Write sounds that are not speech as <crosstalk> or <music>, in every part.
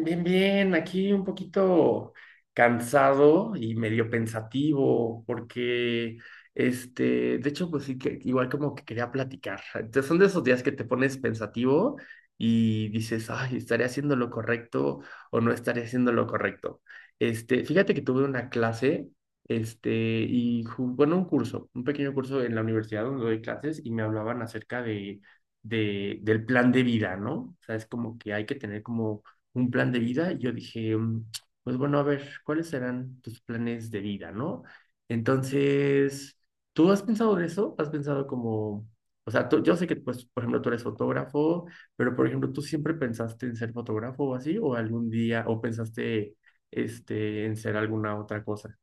Bien, bien, aquí un poquito cansado y medio pensativo, porque de hecho, pues sí que igual como que quería platicar. Entonces, son de esos días que te pones pensativo y dices, ay, ¿estaré haciendo lo correcto o no estaré haciendo lo correcto? Fíjate que tuve una clase, y bueno, un pequeño curso en la universidad donde doy clases y me hablaban acerca del plan de vida, ¿no? O sea, es como que hay que tener como un plan de vida, y yo dije, pues bueno, a ver, ¿cuáles serán tus planes de vida, no? Entonces, ¿tú has pensado en eso? ¿Has pensado como, o sea, yo sé que, pues, por ejemplo, tú eres fotógrafo, pero, por ejemplo, ¿tú siempre pensaste en ser fotógrafo o así? ¿O algún día, o pensaste, en ser alguna otra cosa?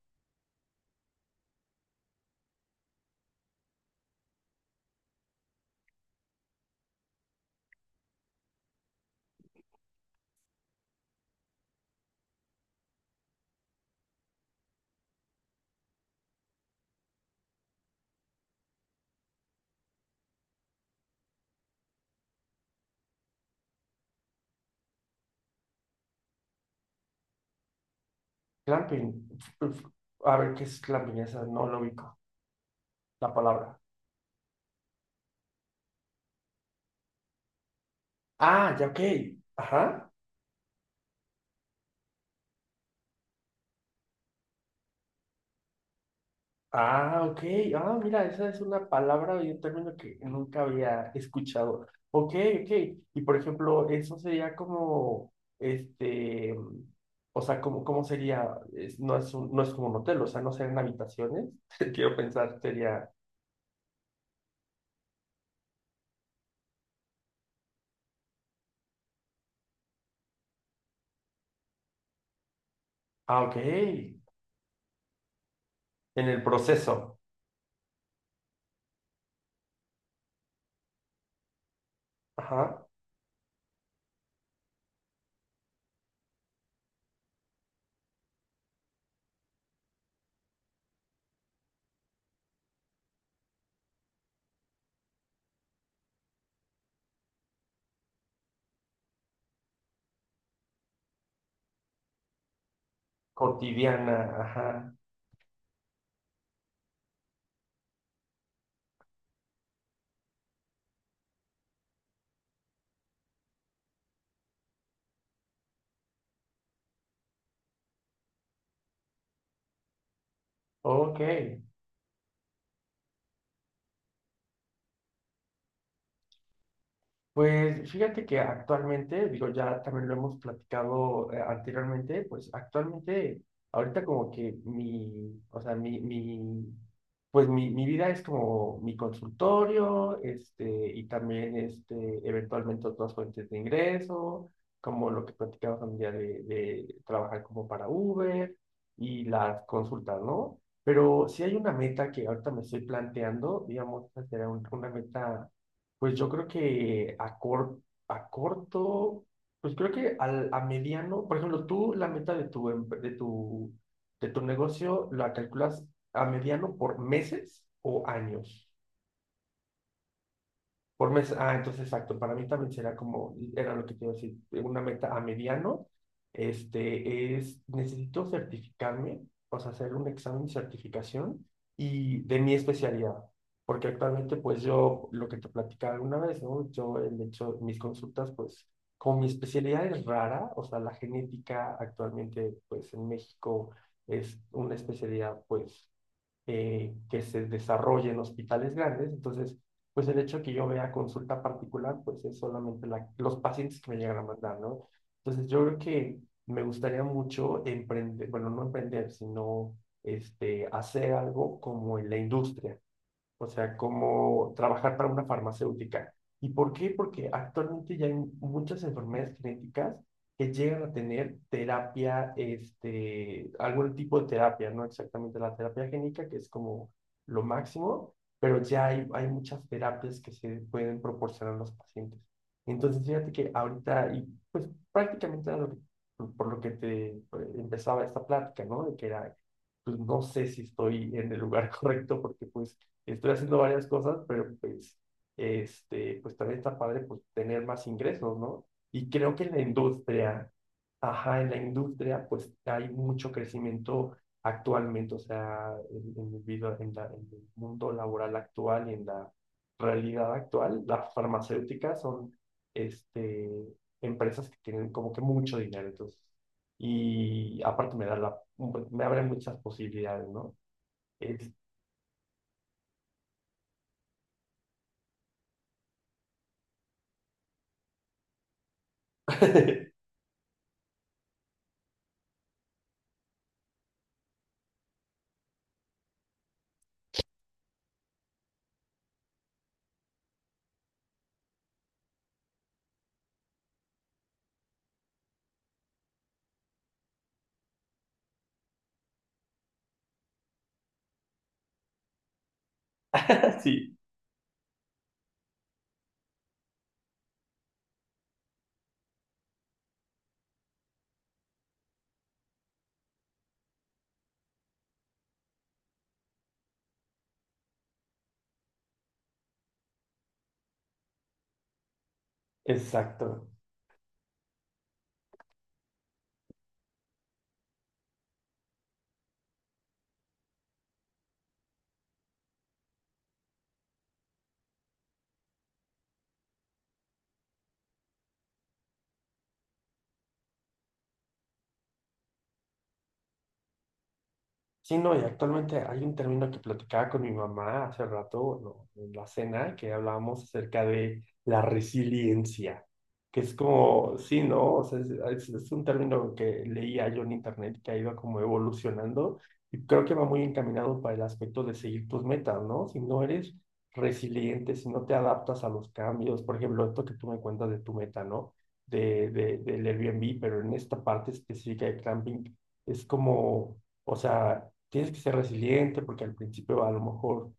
Clamping. Uf, a ver, ¿qué es clamping? Esa no lo ubico. La palabra. Ah, ya, ok. Ajá. Ah, ok. Ah, mira, esa es una palabra y un término que nunca había escuchado. Ok, ok. Y por ejemplo, eso sería como, o sea, como, ¿cómo sería? No es no es como un hotel, o sea, no serían habitaciones. <laughs> Quiero pensar, sería, ah, ok, en el proceso, ajá, cotidiana, ajá, ok. Pues fíjate que actualmente, digo, ya también lo hemos platicado anteriormente, pues actualmente, ahorita como que mi, o sea, pues mi vida es como mi consultorio, y también, eventualmente otras fuentes de ingreso, como lo que platicamos un día de trabajar como para Uber y las consultas, ¿no? Pero si hay una meta que ahorita me estoy planteando, digamos, esa será una meta, pues yo creo que a corto, pues creo que a mediano, por ejemplo, tú la meta de tu, de tu negocio la calculas a mediano por meses o años. Por mes, ah, entonces exacto, para mí también será como, era lo que te iba a decir, una meta a mediano, necesito certificarme, o sea, hacer un examen de certificación y de mi especialidad, porque actualmente pues yo, lo que te platicaba alguna vez, ¿no? Yo, de hecho, mis consultas pues, como mi especialidad es rara, o sea, la genética actualmente pues en México es una especialidad pues que se desarrolle en hospitales grandes. Entonces, pues el hecho de que yo vea consulta particular, pues es solamente los pacientes que me llegan a mandar, ¿no? Entonces, yo creo que me gustaría mucho emprender, bueno, no emprender, sino hacer algo como en la industria, o sea, como trabajar para una farmacéutica. ¿Y por qué? Porque actualmente ya hay muchas enfermedades genéticas que llegan a tener terapia, algún tipo de terapia, no exactamente la terapia génica, que es como lo máximo, pero ya hay muchas terapias que se pueden proporcionar a los pacientes. Entonces, fíjate que ahorita, y pues prácticamente era por lo que te empezaba esta plática, ¿no? De que era, pues no sé si estoy en el lugar <laughs> correcto porque pues estoy haciendo varias cosas, pero pues, pues también está padre pues, tener más ingresos, ¿no? Y creo que en la industria, ajá, en la industria, pues hay mucho crecimiento actualmente, o sea, en el en el mundo laboral actual y en la realidad actual, las farmacéuticas son, este, empresas que tienen como que mucho dinero, entonces, y aparte me da la, me abre muchas posibilidades, ¿no? Es- <laughs> Sí. Exacto. Sí, no, y actualmente hay un término que platicaba con mi mamá hace rato, ¿no? En la cena, que hablábamos acerca de la resiliencia, que es como, sí, ¿no? O sea, es un término que leía yo en internet que ha ido como evolucionando y creo que va muy encaminado para el aspecto de seguir tus metas, ¿no? Si no eres resiliente, si no te adaptas a los cambios, por ejemplo, esto que tú me cuentas de tu meta, ¿no? Del Airbnb, pero en esta parte específica de camping, es como. O sea, tienes que ser resiliente porque al principio a lo mejor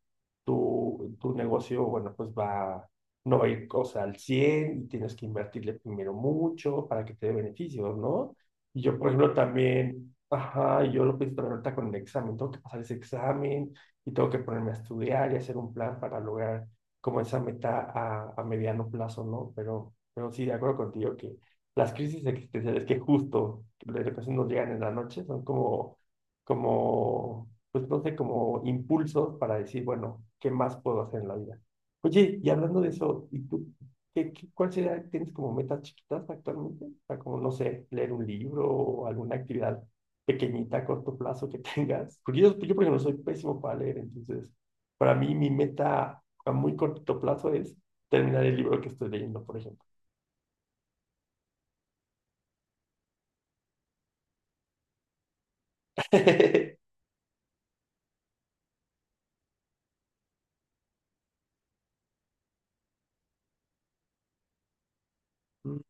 tu negocio, bueno, pues va, no va a ir, o sea, al 100 y tienes que invertirle primero mucho para que te dé beneficios, ¿no? Y yo, por ejemplo, también, ajá, y yo lo pienso también ahorita con el examen, tengo que pasar ese examen y tengo que ponerme a estudiar y hacer un plan para lograr como esa meta a mediano plazo, ¿no? Pero sí, de acuerdo contigo que las crisis existenciales que justo de repente nos llegan en la noche son como, pues no sé, como impulsos para decir, bueno, ¿qué más puedo hacer en la vida? Oye, y hablando de eso, ¿y tú cuál sería, tienes como metas chiquitas actualmente? O sea, como, no sé, leer un libro o alguna actividad pequeñita a corto plazo que <laughs> tengas. Porque yo por ejemplo, soy pésimo para leer, entonces, para mí mi meta a muy corto plazo es terminar el libro que estoy leyendo, por ejemplo. <laughs> Mm,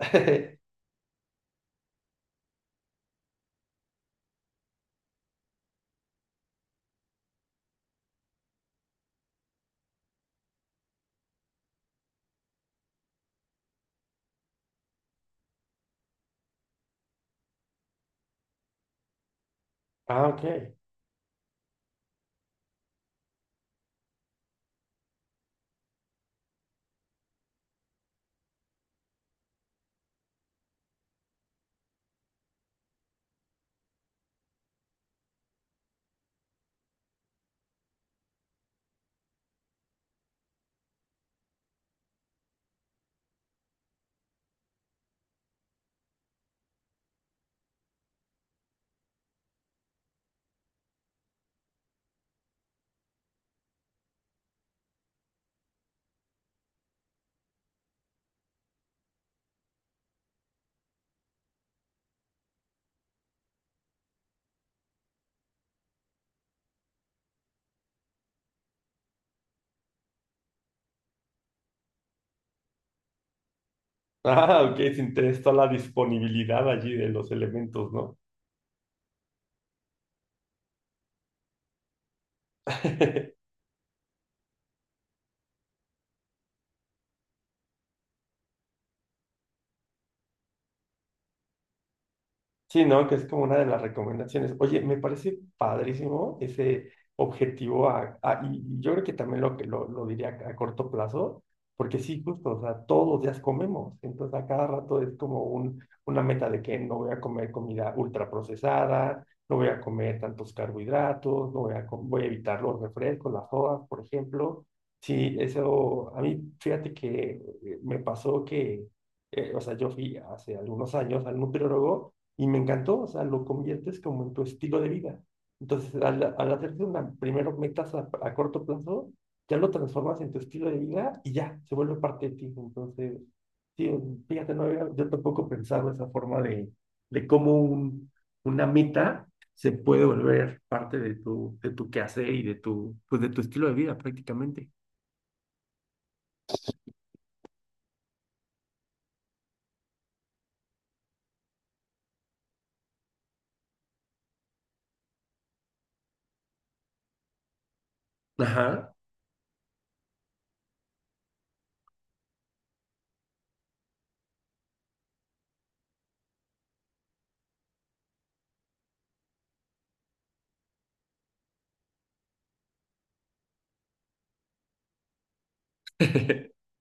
<laughs> ah, ok. Ah, ok, se interesa la disponibilidad allí de los elementos, ¿no? <laughs> Sí, ¿no? Que es como una de las recomendaciones. Oye, me parece padrísimo ese objetivo y yo creo que también lo diría a corto plazo, porque sí, justo, o sea, todos los días comemos, entonces a cada rato es como un, una meta de que no voy a comer comida ultraprocesada, no voy a comer tantos carbohidratos, no voy a, com- voy a evitar los refrescos, las sodas, por ejemplo. Sí, eso, a mí, fíjate que me pasó que, o sea, yo fui hace algunos años al nutriólogo, y me encantó, o sea, lo conviertes como en tu estilo de vida. Entonces, al hacerte una, primero metas a corto plazo, ya lo transformas en tu estilo de vida y ya, se vuelve parte de ti. Entonces, sí, fíjate, yo tampoco pensaba esa forma de cómo un, una meta se puede volver parte de tu, quehacer y pues de tu estilo de vida prácticamente. Ajá. <laughs>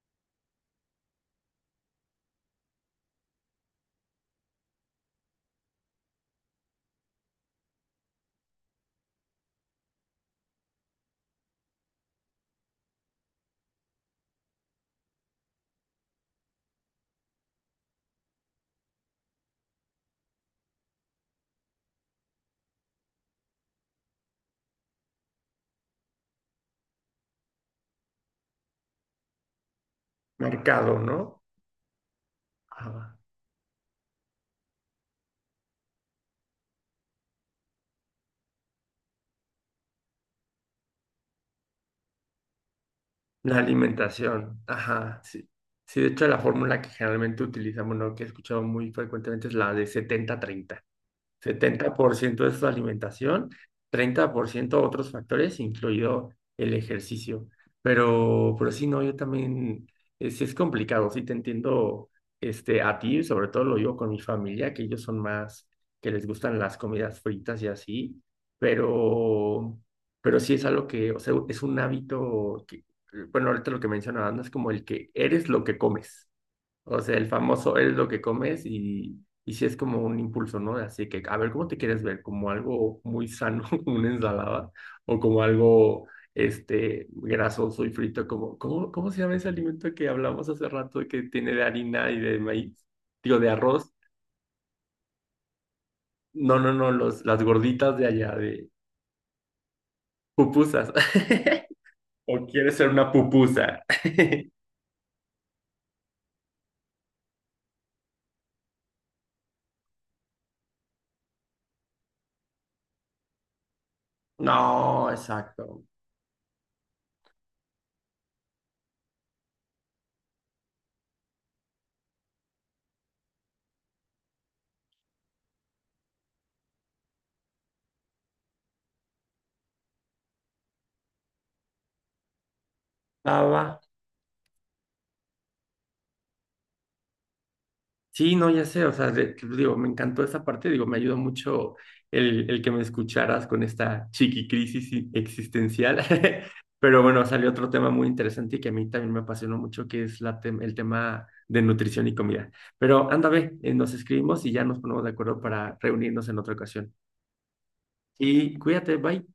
Mercado, ¿no? Ajá. La alimentación, ajá. Sí, sí, de hecho la fórmula que generalmente utilizamos, ¿no? Que he escuchado muy frecuentemente es la de 70 treinta, setenta por ciento es su alimentación, 30% otros factores, incluido el ejercicio. Pero sí, no, yo también, es complicado, sí te entiendo, a ti, sobre todo lo digo con mi familia, que ellos son más, que les gustan las comidas fritas y así, pero, pero sí es algo que, o sea, es un hábito que, bueno, ahorita lo que mencionaban es como el que eres lo que comes. O sea, el famoso eres lo que comes y sí es como un impulso, ¿no? Así que, a ver, ¿cómo te quieres ver? ¿Como algo muy sano, <laughs> como una ensalada? ¿O como algo, grasoso y frito? Como, cómo se llama ese alimento que hablamos hace rato que tiene de harina y de maíz? Digo, de arroz. No, no, no, las gorditas de allá, de pupusas. <laughs> ¿O quieres ser una pupusa? <laughs> No, exacto. Ah, va. Sí, no, ya sé, o sea, digo, me encantó esa parte, digo, me ayudó mucho el que me escucharas con esta chiqui crisis existencial, <laughs> pero bueno, salió otro tema muy interesante y que a mí también me apasionó mucho, que es el tema de nutrición y comida. Pero anda, ve, nos escribimos y ya nos ponemos de acuerdo para reunirnos en otra ocasión. Y cuídate, bye.